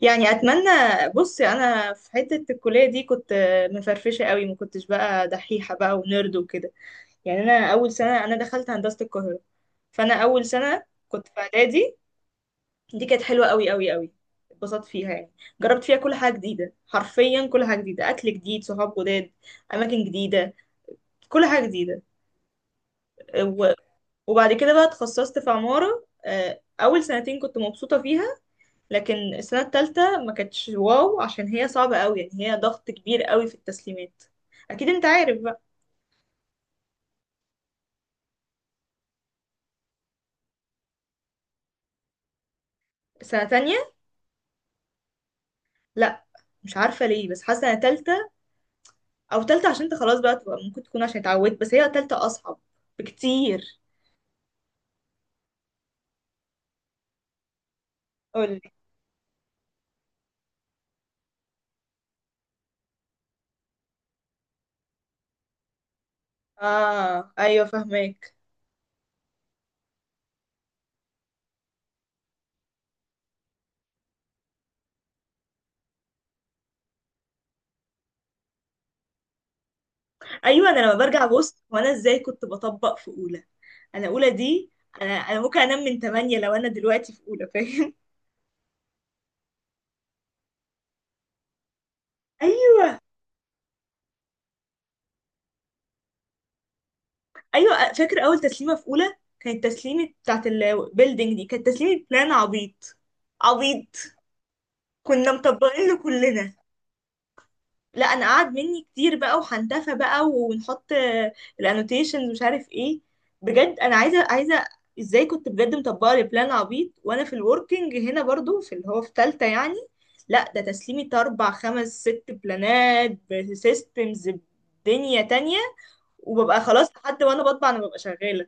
يعني اتمنى. بصي، انا في حته الكليه دي كنت مفرفشه قوي، ما كنتش بقى دحيحه بقى ونرد وكده. يعني انا اول سنه انا دخلت هندسه القاهره، فانا اول سنه كنت في اعدادي. دي كانت حلوه قوي قوي قوي، اتبسطت فيها يعني. جربت فيها كل حاجه جديده، حرفيا كل حاجه جديده، اكل جديد، صحاب جداد، اماكن جديده، كل حاجه جديده. و- وبعد كده بقى اتخصصت في عماره اول سنتين كنت مبسوطه فيها، لكن السنة التالتة ما كانتش واو، عشان هي صعبة قوي، يعني هي ضغط كبير قوي في التسليمات. اكيد انت عارف بقى. سنة تانية؟ لا، مش عارفة ليه، بس حاسة سنة تالتة. او تالتة عشان انت خلاص بقى تبقى ممكن تكون عشان اتعودت، بس هي تالتة اصعب بكتير. قولي. اه ايوه، فهماك. ايوه، انا لما برجع بص وانا ازاي كنت بطبق في اولى. انا اولى دي، انا ممكن انام من 8 لو انا دلوقتي في اولى، فاهم؟ ايوه، فاكر اول تسليمه في اولى كانت تسليمه بتاعت البيلدينج. دي كانت تسليمه بلان عبيط عبيط. كنا مطبقين له كلنا. لا انا قعد مني كتير بقى، وحنتفى بقى ونحط الانوتيشنز، مش عارف ايه. بجد انا عايزه عايزه، ازاي كنت بجد مطبقه لبلان عبيط وانا في الوركينج هنا، برضو في اللي هو في تالتة يعني لا، ده تسليمي اربع خمس ست بلانات بسيستمز، بدنيا تانية. وببقى خلاص لحد وانا بطبع، انا ببقى شغاله.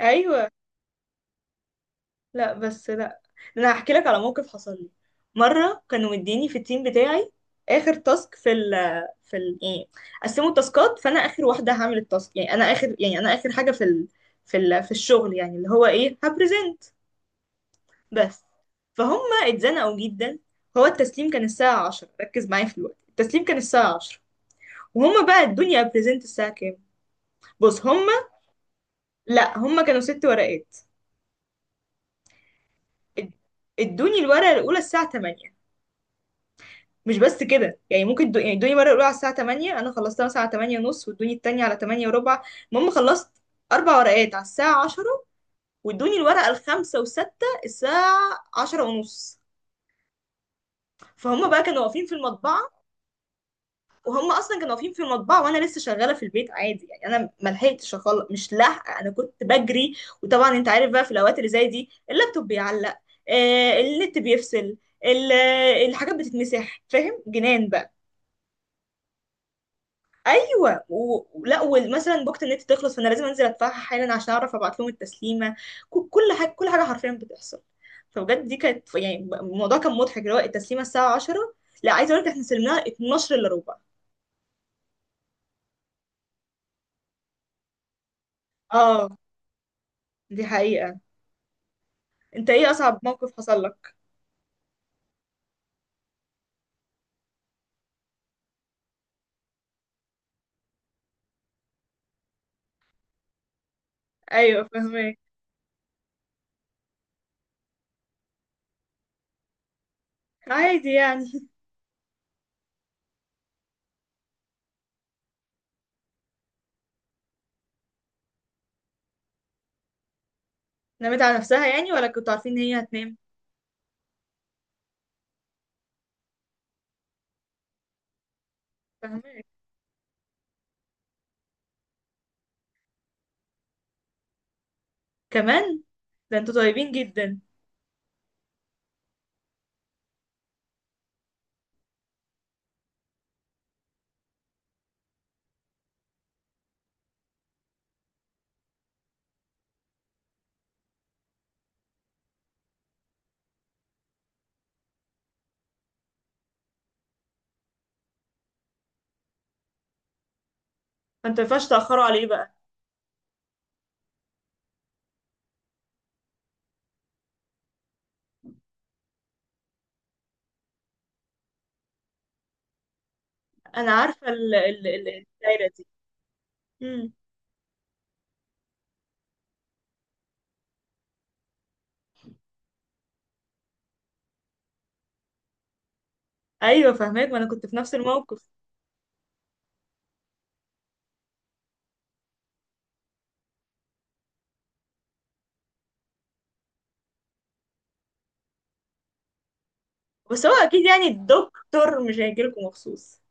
ايوه. لا بس لا، انا هحكي لك على موقف حصل لي. مره كانوا مديني في التيم بتاعي اخر تاسك في ال يعني، قسموا التاسكات، فانا اخر واحده هعمل التاسك. يعني انا اخر، يعني انا اخر حاجه في ال في الشغل، يعني اللي هو ايه هبريزنت بس. فهم. اتزنقوا جدا. هو التسليم كان الساعه 10، ركز معايا في الوقت. التسليم كان الساعه 10، وهم بقى ادوني ابريزنت الساعه كام. بص، هم لا، هم كانوا ست ورقات. اد- ادوني الورقه الاولى الساعه 8، مش بس كده. يعني ممكن يعني ادوني مره الاولى على الساعه 8، انا خلصتها مثلا على 8 ونص، وادوني التانية على 8 وربع. المهم خلصت اربع ورقات على الساعه 10، وادوني الورقه الخامسه وستة الساعه 10 ونص. فهم بقى كانوا واقفين في المطبعه، وهم اصلا كانوا واقفين في المطبعه وانا لسه شغاله في البيت، عادي يعني. انا ما لحقتش مش لاحقه، انا كنت بجري. وطبعا انت عارف بقى، في الاوقات اللي زي دي اللابتوب بيعلق، النت بيفصل، ال- الحاجات بتتمسح، فاهم؟ جنان بقى. ايوه. ولا ومثلا بوقت النت تخلص، فانا لازم انزل ادفعها حالا عشان اعرف ابعت لهم التسليمه. كل حاجه حرفيا بتحصل. فبجد دي كانت يعني، الموضوع كان مضحك، اللي هو التسليمه الساعه 10، لا، عايزه اقول لك احنا سلمناها 12 الا ربع. اه، دي حقيقه. انت ايه اصعب موقف حصل لك؟ ايوه، فهمك. عادي يعني. نامت على نفسها يعني ولا كنتوا عارفين ان هي هتنام؟ فهمك. كمان. ده انتوا طيبين جدا. فانتوا ما ينفعش تاخروا عليه بقى. انا عارفه الدايره دي. ايوه فاهماك، ما انا كنت في نفس الموقف. بس هو اكيد يعني الدكتور مش هيجيلكوا مخصوص.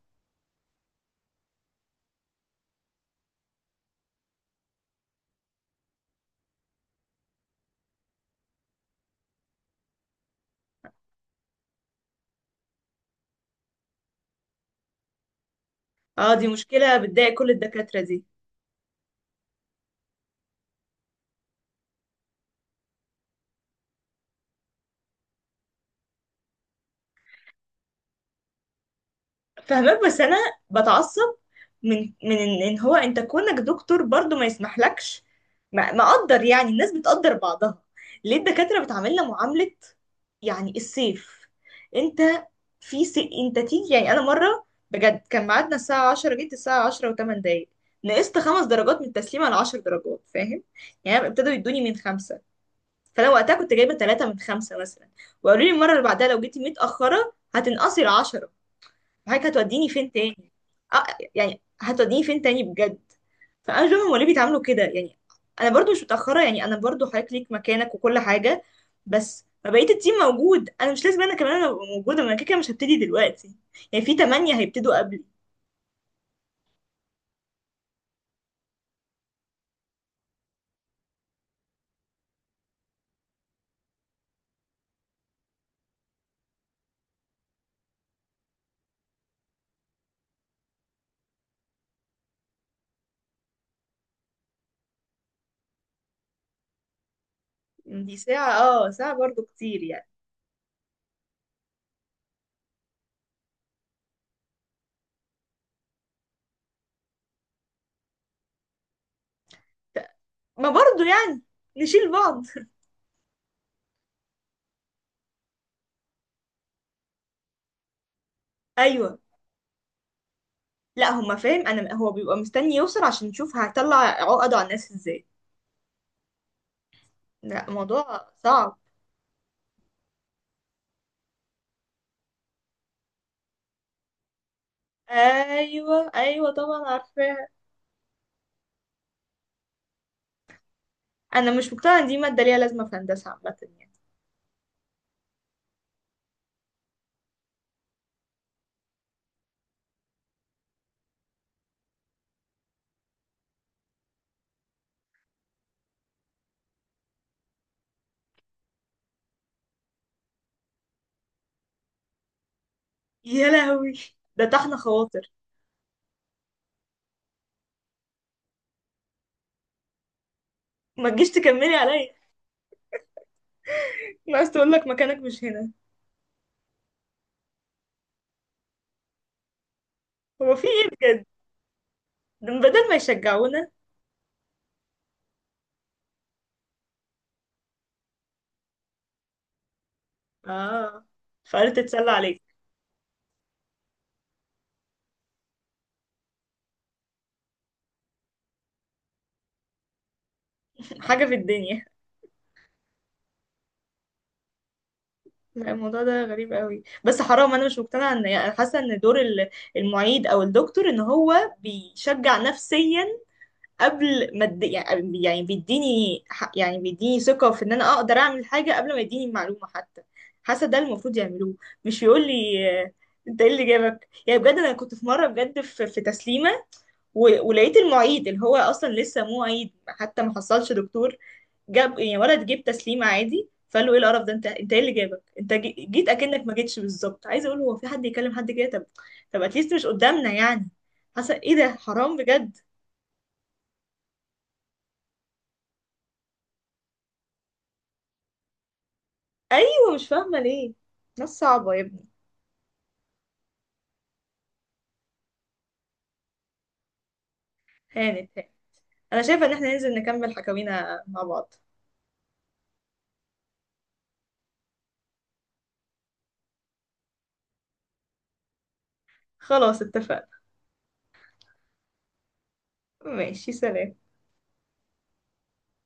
اه، دي مشكله بتضايق كل الدكاتره دي. فهمك بس انا بتعصب من إن هو انت كونك دكتور، برضو ما يسمحلكش. ما اقدر، يعني الناس بتقدر بعضها. ليه الدكاترة بتعاملنا معاملة يعني السيف. انت، في انت تيجي، يعني انا مرة بجد كان ميعادنا الساعة 10، جيت الساعة 10 و8 دقايق. نقصت خمس درجات من التسليم على 10 درجات، فاهم؟ يعني ابتدوا يدوني من خمسة. فانا وقتها كنت جايبة ثلاثة من خمسة مثلا. وقالوا لي المرة اللي بعدها لو جيتي متأخرة هتنقصي ال10. فحضرتك هتوديني فين تاني؟ اه. يعني هتوديني فين تاني بجد. فانا مش فاهمه هما ليه بيتعاملوا كده يعني. انا برضو مش متاخره، يعني انا برضو حضرتك ليك مكانك وكل حاجه، بس ما بقيت التيم موجود، انا مش لازم انا كمان ابقى موجوده. ما انا كده كده مش هبتدي دلوقتي، يعني في تمانية هيبتدوا قبلي. يعني دي ساعه، اه ساعه برضو كتير يعني. ما برضو يعني نشيل بعض. ايوه. لا هما فاهم انا، هو بيبقى مستني يوصل عشان يشوف هطلع عقده على الناس ازاي. لا، موضوع صعب. ايوه ايوه، طبعا عارفاها. انا مش مقتنعه ان دي ماده ليها لازمه في هندسه عامه يعني. يا لهوي، ده طحن خواطر. ما تجيش تكملي عليا. أنا عايز تقول لك مكانك مش هنا. هو في ايه؟ بجد، ده بدل ما يشجعونا. اه، فقالت تتسلى عليك. حاجه في الدنيا. لا، الموضوع ده غريب قوي بس حرام. انا مش مقتنعه ان يعني، حاسه ان دور المعيد او الدكتور، ان هو بيشجع نفسيا قبل ما يعني بيديني يعني بيديني ثقة في ان انا اقدر اعمل حاجة قبل ما يديني المعلومة حتى. حاسة ده المفروض يعملوه، مش يقول لي آه، انت ايه اللي جابك. يعني بجد انا كنت في مرة بجد في تسليمة، ولقيت المعيد اللي هو اصلا لسه معيد، حتى ما حصلش دكتور. جاب يعني ولد جيب تسليمة عادي، فقال له ايه القرف ده، انت ايه اللي جابك؟ انت جيت اكنك ما جيتش. بالظبط، عايزه اقول هو في حد يكلم حد كده؟ طب، طب اتليست مش قدامنا يعني. حاسه ايه ده حرام بجد. ايوه، مش فاهمه ليه. ناس صعبه يا ابني. هانت هانت. انا شايفه ان احنا ننزل نكمل حكاوينا مع بعض. خلاص اتفقنا. ماشي سلام.